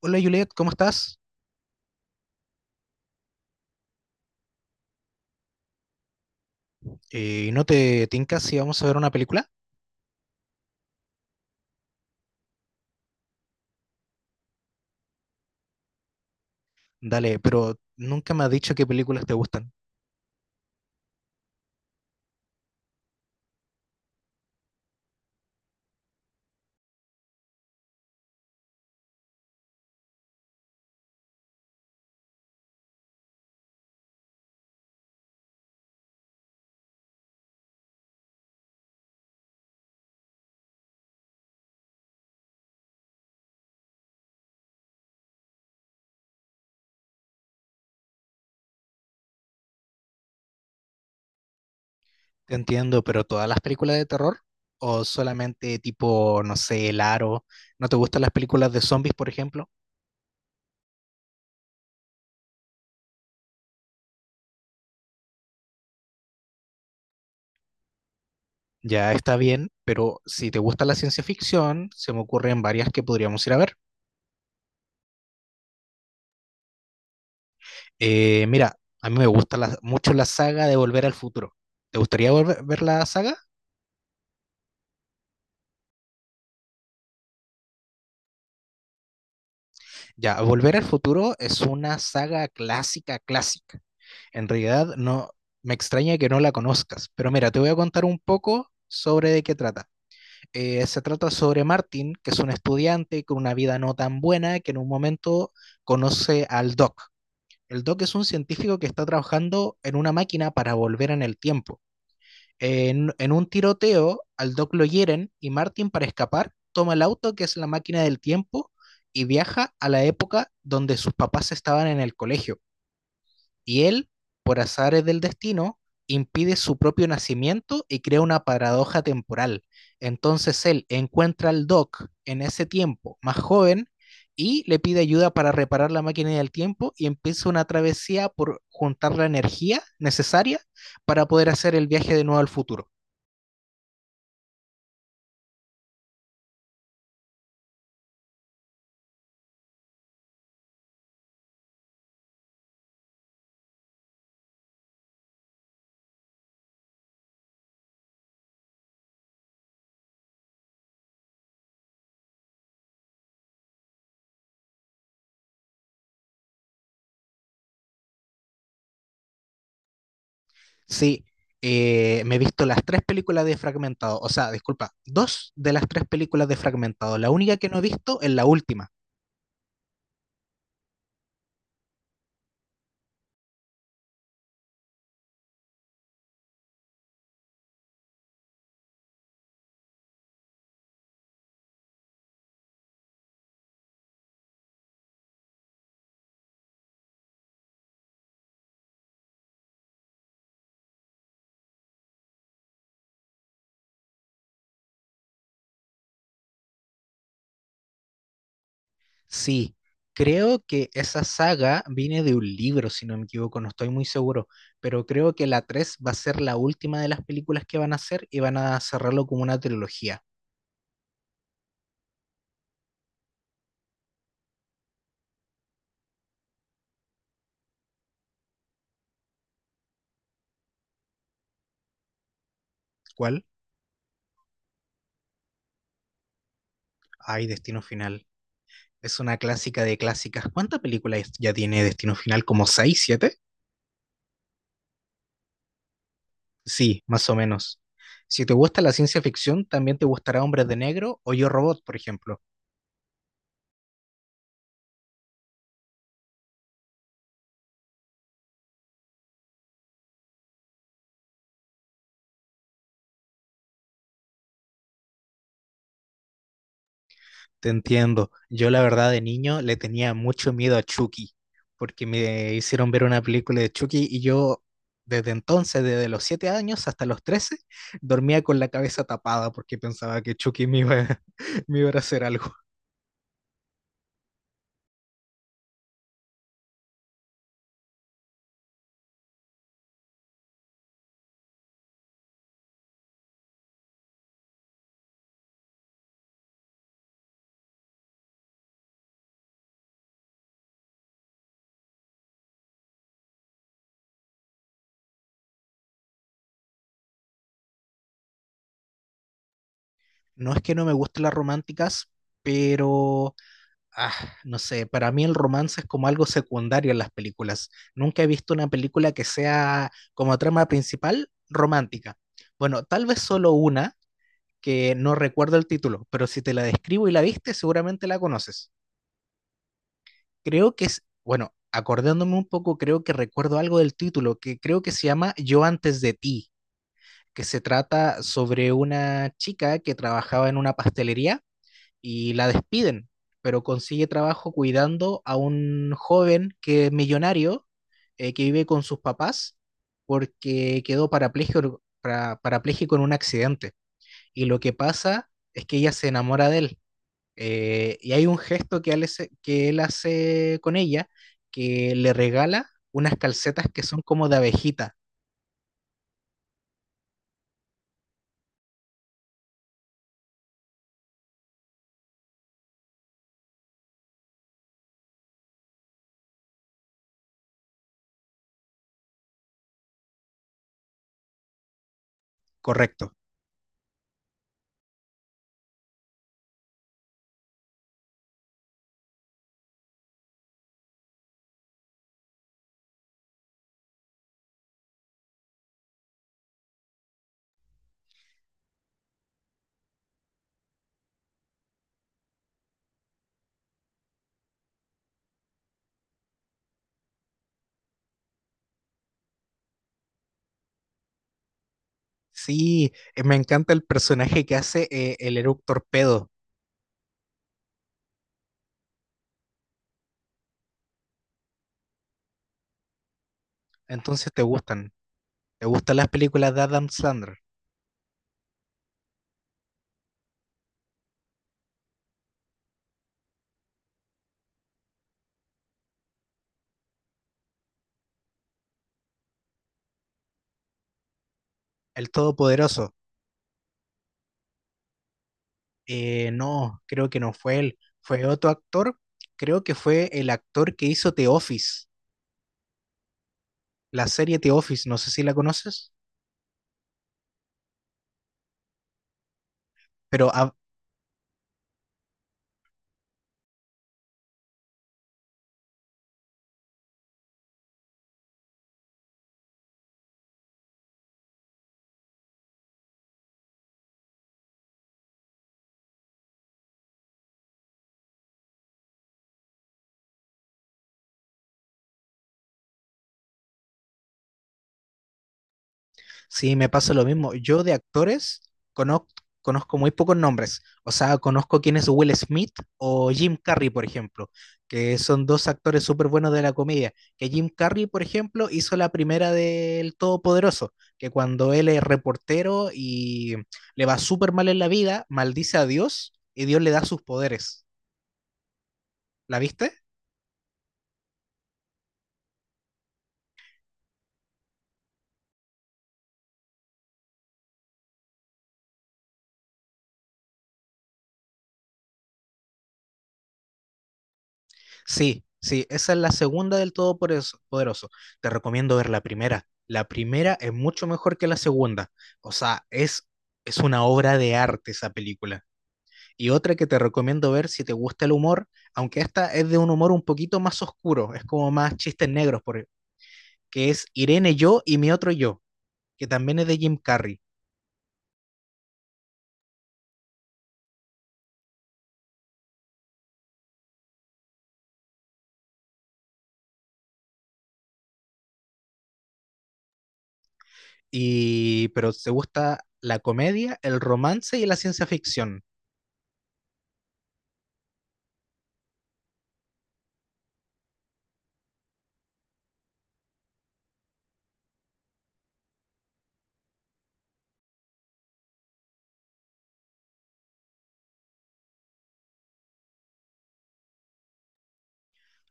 Hola Juliet, ¿cómo estás? ¿No te tincas si vamos a ver una película? Dale, pero nunca me has dicho qué películas te gustan. Te entiendo, pero ¿todas las películas de terror? ¿O solamente tipo, no sé, El Aro? ¿No te gustan las películas de zombies, por ejemplo? Ya está bien, pero si te gusta la ciencia ficción, se me ocurren varias que podríamos ir a ver. Mira, a mí me gusta mucho la saga de Volver al Futuro. ¿Te gustaría ver la saga? Ya, Volver al Futuro es una saga clásica, clásica. En realidad no me extraña que no la conozcas, pero mira, te voy a contar un poco sobre de qué trata. Se trata sobre Martin, que es un estudiante con una vida no tan buena, que en un momento conoce al Doc. El Doc es un científico que está trabajando en una máquina para volver en el tiempo. En un tiroteo, al Doc lo hieren y Martin, para escapar, toma el auto, que es la máquina del tiempo, y viaja a la época donde sus papás estaban en el colegio y él, por azares del destino, impide su propio nacimiento y crea una paradoja temporal. Entonces él encuentra al Doc en ese tiempo más joven y le pide ayuda para reparar la máquina del tiempo y empieza una travesía por juntar la energía necesaria para poder hacer el viaje de nuevo al futuro. Sí, me he visto las tres películas de Fragmentado, o sea, disculpa, dos de las tres películas de Fragmentado. La única que no he visto es la última. Sí, creo que esa saga viene de un libro, si no me equivoco, no estoy muy seguro, pero creo que la 3 va a ser la última de las películas que van a hacer y van a cerrarlo como una trilogía. ¿Cuál? Ay, Destino Final. Es una clásica de clásicas. ¿Cuántas películas ya tiene Destino Final? ¿Como 6, 7? Sí, más o menos. Si te gusta la ciencia ficción, también te gustará Hombres de Negro o Yo Robot, por ejemplo. Te entiendo. Yo la verdad de niño le tenía mucho miedo a Chucky, porque me hicieron ver una película de Chucky y yo desde entonces, desde los 7 años hasta los 13, dormía con la cabeza tapada porque pensaba que Chucky me iba, me iba a hacer algo. No es que no me gusten las románticas, pero ah, no sé, para mí el romance es como algo secundario en las películas. Nunca he visto una película que sea como trama principal romántica. Bueno, tal vez solo una que no recuerdo el título, pero si te la describo y la viste, seguramente la conoces. Creo que es, bueno, acordándome un poco, creo que recuerdo algo del título, que creo que se llama Yo antes de ti, que se trata sobre una chica que trabajaba en una pastelería y la despiden, pero consigue trabajo cuidando a un joven que es millonario, que vive con sus papás, porque quedó parapléjico, parapléjico en un accidente. Y lo que pasa es que ella se enamora de él. Y hay un gesto que él hace con ella, que le regala unas calcetas que son como de abejita, correcto. Sí, me encanta el personaje que hace el Eructor Torpedo. Entonces te gustan. ¿Te gustan las películas de Adam Sandler? El Todopoderoso. No, creo que no fue él. Fue otro actor. Creo que fue el actor que hizo The Office, la serie The Office. No sé si la conoces, pero sí, me pasa lo mismo. Yo de actores conozco, conozco muy pocos nombres. O sea, conozco quién es Will Smith o Jim Carrey, por ejemplo, que son dos actores súper buenos de la comedia. Que Jim Carrey, por ejemplo, hizo la primera del Todopoderoso, que cuando él es reportero y le va súper mal en la vida, maldice a Dios y Dios le da sus poderes. ¿La viste? Sí, sí, esa es la segunda del Todopoderoso. Poderoso. Te recomiendo ver la primera. La primera es mucho mejor que la segunda. O sea, es una obra de arte esa película. Y otra que te recomiendo ver si te gusta el humor, aunque esta es de un humor un poquito más oscuro, es como más chistes negros, que es Irene Yo y mi otro yo, que también es de Jim Carrey. Y, pero te gusta la comedia, el romance y la ciencia ficción.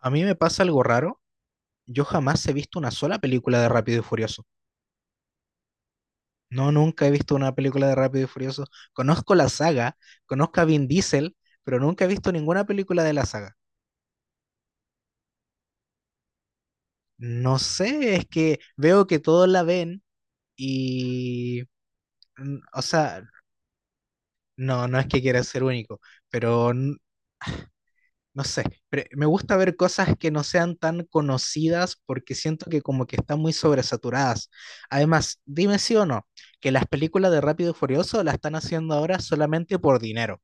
A mí me pasa algo raro, yo jamás he visto una sola película de Rápido y Furioso. No, nunca he visto una película de Rápido y Furioso. Conozco la saga, conozco a Vin Diesel, pero nunca he visto ninguna película de la saga. No sé, es que veo que todos la ven y, mm, o sea, no, no es que quiera ser único, pero no sé, me gusta ver cosas que no sean tan conocidas porque siento que como que están muy sobresaturadas. Además, dime sí o no, que las películas de Rápido y Furioso las están haciendo ahora solamente por dinero.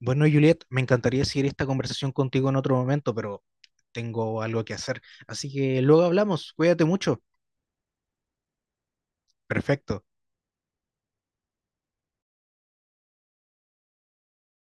Bueno, Juliet, me encantaría seguir esta conversación contigo en otro momento, pero tengo algo que hacer. Así que luego hablamos. Cuídate mucho. Perfecto.